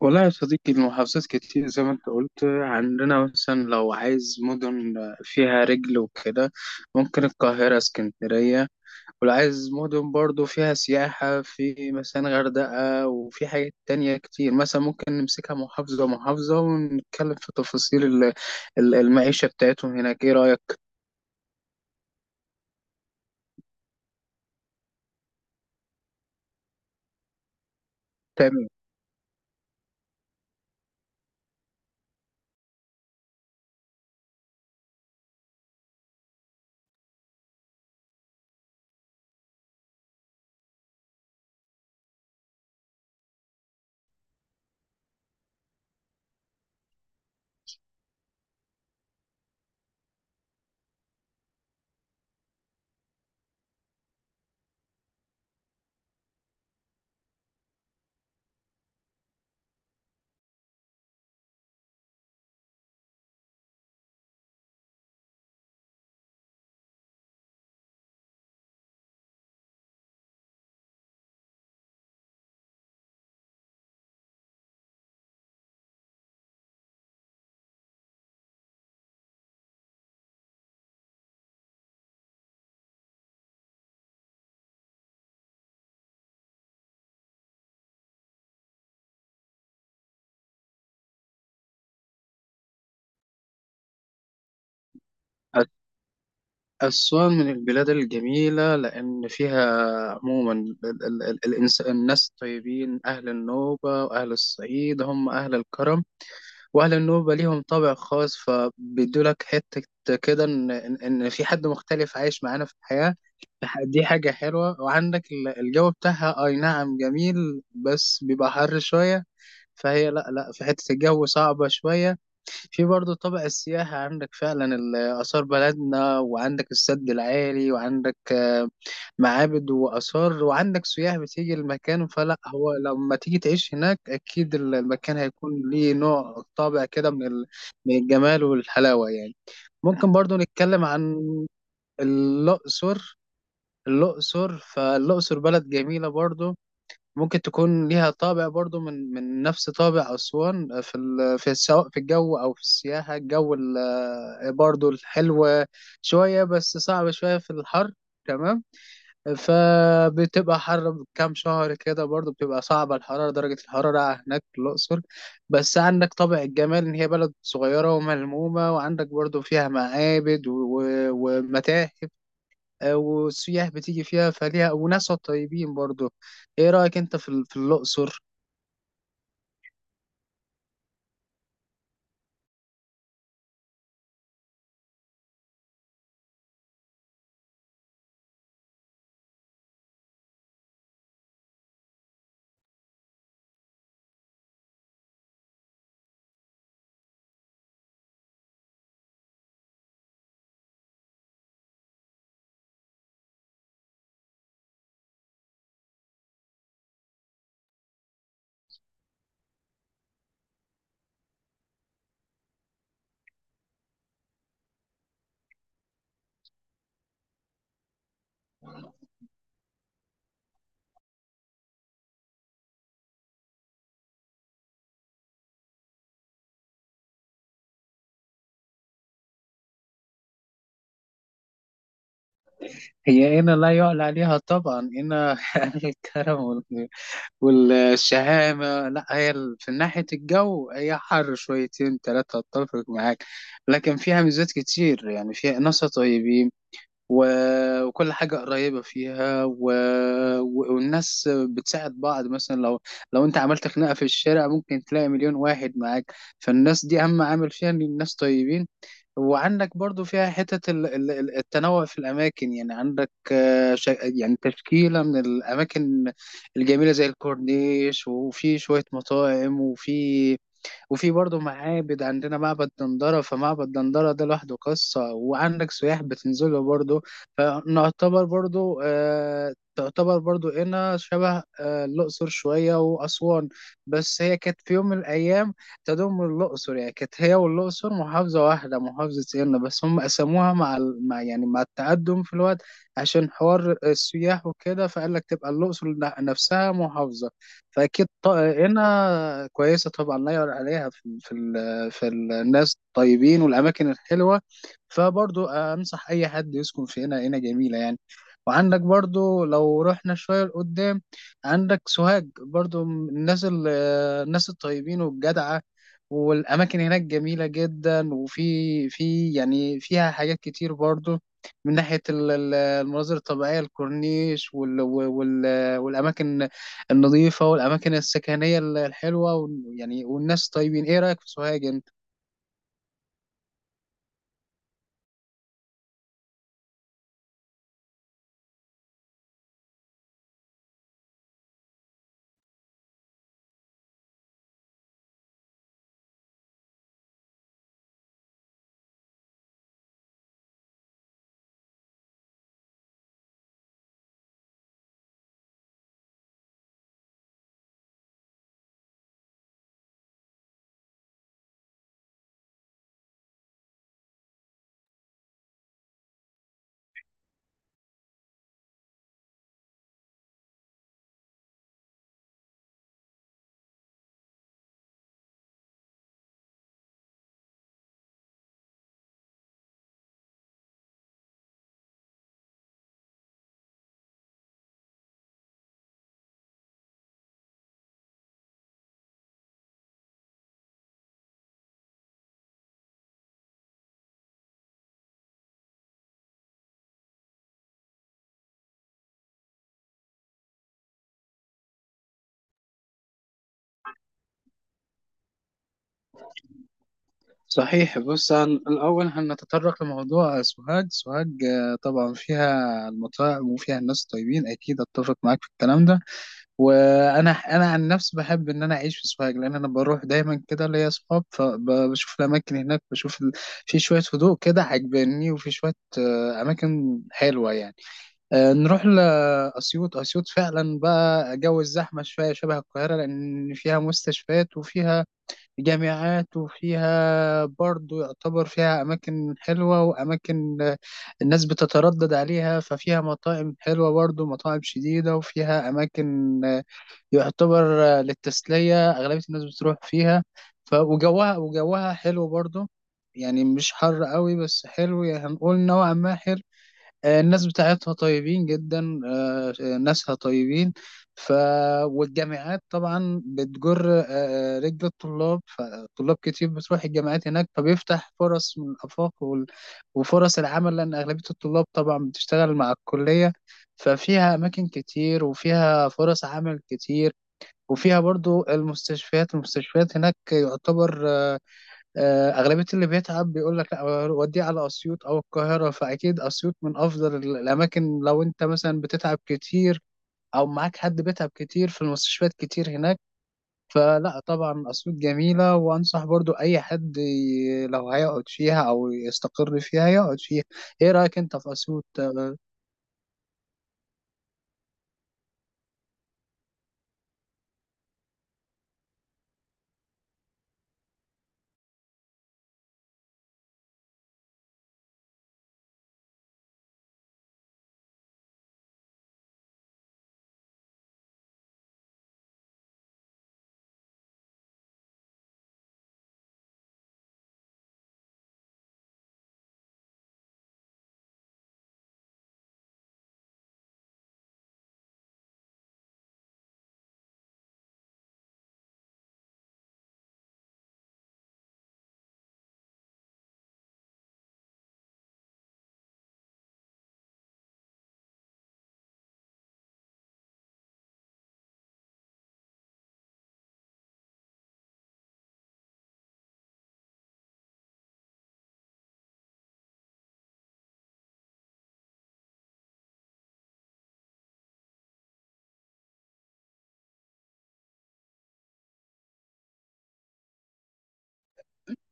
والله يا صديقي، المحافظات كتير زي ما انت قلت. عندنا مثلا لو عايز مدن فيها رجل وكده، ممكن القاهرة، اسكندرية. ولو عايز مدن برضو فيها سياحة، في مثلا غردقة، وفي حاجات تانية كتير. مثلا ممكن نمسكها محافظة محافظة ونتكلم في تفاصيل المعيشة بتاعتهم هناك. ايه رأيك؟ تمام. أسوان من البلاد الجميلة، لأن فيها عموما ال ال ال الإنس الناس طيبين. أهل النوبة وأهل الصعيد هم أهل الكرم، وأهل النوبة ليهم طابع خاص، فبيدولك حتة كده إن في حد مختلف عايش معانا في الحياة. دي حاجة حلوة. وعندك الجو بتاعها، أي نعم جميل، بس بيبقى حر شوية. فهي لا لا، في حتة الجو صعبة شوية. في برضه طابع السياحة، عندك فعلا آثار بلدنا، وعندك السد العالي، وعندك معابد وآثار، وعندك سياح بتيجي المكان. فلا هو لما تيجي تعيش هناك أكيد المكان هيكون ليه نوع طابع كده من الجمال والحلاوة يعني. ممكن برضه نتكلم عن الأقصر. الأقصر، فالأقصر بلد جميلة برضه. ممكن تكون ليها طابع برضو من نفس طابع أسوان. في سواء في الجو أو في السياحة، الجو ال... آه، برضو الحلو شوية، بس صعب شوية في الحر. تمام. فبتبقى حر كام شهر كده برضو، بتبقى صعبة درجة الحرارة هناك في الأقصر. بس عندك طابع الجمال إن هي بلد صغيرة وملمومة، وعندك برضو فيها معابد و- ومتاحف. والسياح بتيجي فيها فليها، وناسها طيبين برضو. ايه رأيك انت في في الأقصر؟ هي هنا لا يعلى عليها طبعا هنا أهل الكرم والشهامة. لا، هي في ناحية الجو هي حر شويتين تلاتة، اتفق معاك. لكن فيها ميزات كتير، يعني فيها ناسها طيبين وكل حاجة قريبة فيها والناس بتساعد بعض، مثلا لو انت عملت خناقة في الشارع ممكن تلاقي مليون واحد معاك. فالناس دي أهم عامل فيها إن الناس طيبين. وعندك برضو فيها حتة التنوع في الأماكن، يعني عندك يعني تشكيلة من الأماكن الجميلة، زي الكورنيش، وفي شوية مطاعم، وفي برضه معابد. عندنا معبد دندرة، فمعبد دندرة ده لوحده قصة، وعندك سياح بتنزله برضه. فنعتبر برضه آه تعتبر برضو هنا شبه الأقصر شوية وأسوان. بس هي كانت في يوم من الأيام تضم الأقصر، يعني كانت هي والأقصر محافظة واحدة، محافظة هنا، بس هم قسموها مع يعني التقدم في الوقت، عشان حوار السياح وكده، فقال لك تبقى الأقصر نفسها محافظة. فاكيد هنا كويسه طبعا، لا يعلى عليها في في الناس الطيبين والاماكن الحلوه. فبرضو انصح اي حد يسكن في هنا. هنا جميله يعني. وعندك برضو لو رحنا شويه لقدام، عندك سوهاج برضو من الناس الطيبين والجدعه. والأماكن هناك جميلة جدا، وفي يعني فيها حاجات كتير برضو من ناحية المناظر الطبيعية، الكورنيش والأماكن النظيفة، والأماكن السكنية الحلوة يعني والناس طيبين. إيه رأيك في سوهاج أنت؟ صحيح، بص، الأول هنتطرق لموضوع سوهاج. سوهاج طبعا فيها المطاعم وفيها الناس طيبين، أكيد أتفق معاك في الكلام ده. وانا عن نفسي بحب ان انا اعيش في سوهاج، لان انا بروح دايما كده ليا اصحاب، فبشوف الاماكن هناك، في شويه هدوء كده عجباني، وفي شويه اماكن حلوه يعني. نروح لاسيوط. اسيوط فعلا بقى جو الزحمه شويه شبه القاهره، لان فيها مستشفيات وفيها جامعات، وفيها برضو يعتبر فيها اماكن حلوه، واماكن الناس بتتردد عليها، ففيها مطاعم حلوه برضو، مطاعم شديده، وفيها اماكن يعتبر للتسلية أغلبية الناس بتروح فيها. وجوها حلو برضه، يعني مش حر قوي بس حلو، يعني هنقول نوعا ما حلو. الناس بتاعتها طيبين جدا، ناسها طيبين. ف والجامعات طبعا بتجر رجل الطلاب، فطلاب كتير بتروح الجامعات هناك، فبيفتح فرص من الآفاق وفرص العمل، لأن أغلبية الطلاب طبعا بتشتغل مع الكلية. ففيها أماكن كتير، وفيها فرص عمل كتير، وفيها برضو المستشفيات. هناك يعتبر أغلبية اللي بيتعب بيقول لك لا، وديه على أسيوط أو القاهرة. فأكيد أسيوط من أفضل الأماكن، لو أنت مثلا بتتعب كتير أو معاك حد بيتعب كتير، في المستشفيات كتير هناك. فلا طبعا أسيوط جميلة، وأنصح برضو أي حد لو هيقعد فيها أو يستقر فيها يقعد فيها. إيه رأيك أنت في أسيوط؟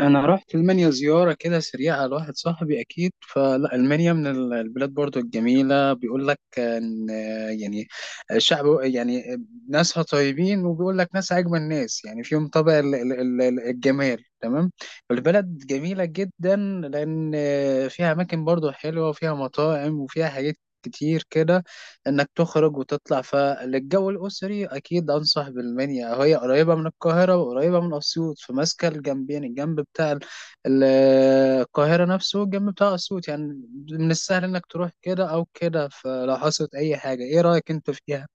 انا رحت المانيا زياره كده سريعه لواحد صاحبي اكيد. فلا المانيا من البلاد برضو الجميله، بيقول لك ان يعني الشعب يعني ناسها طيبين، وبيقول لك ناس اجمل ناس يعني. فيهم طبع الجمال، تمام. البلد جميله جدا، لان فيها اماكن برضو حلوه، وفيها مطاعم، وفيها حاجات كتير كده انك تخرج وتطلع. فللجو الاسري اكيد انصح بالمنيا، هي قريبه من القاهره وقريبه من اسيوط، فماسكه الجنبين، الجنب بتاع ال- القاهره نفسه، والجنب بتاع اسيوط يعني، من السهل انك تروح كده او كده فلو حصلت اي حاجه. ايه رايك انت فيها؟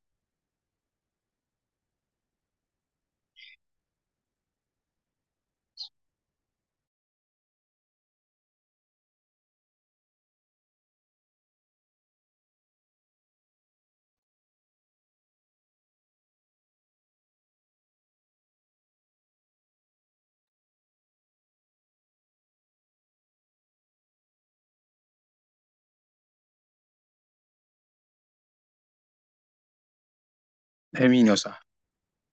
امين يا صاحبي.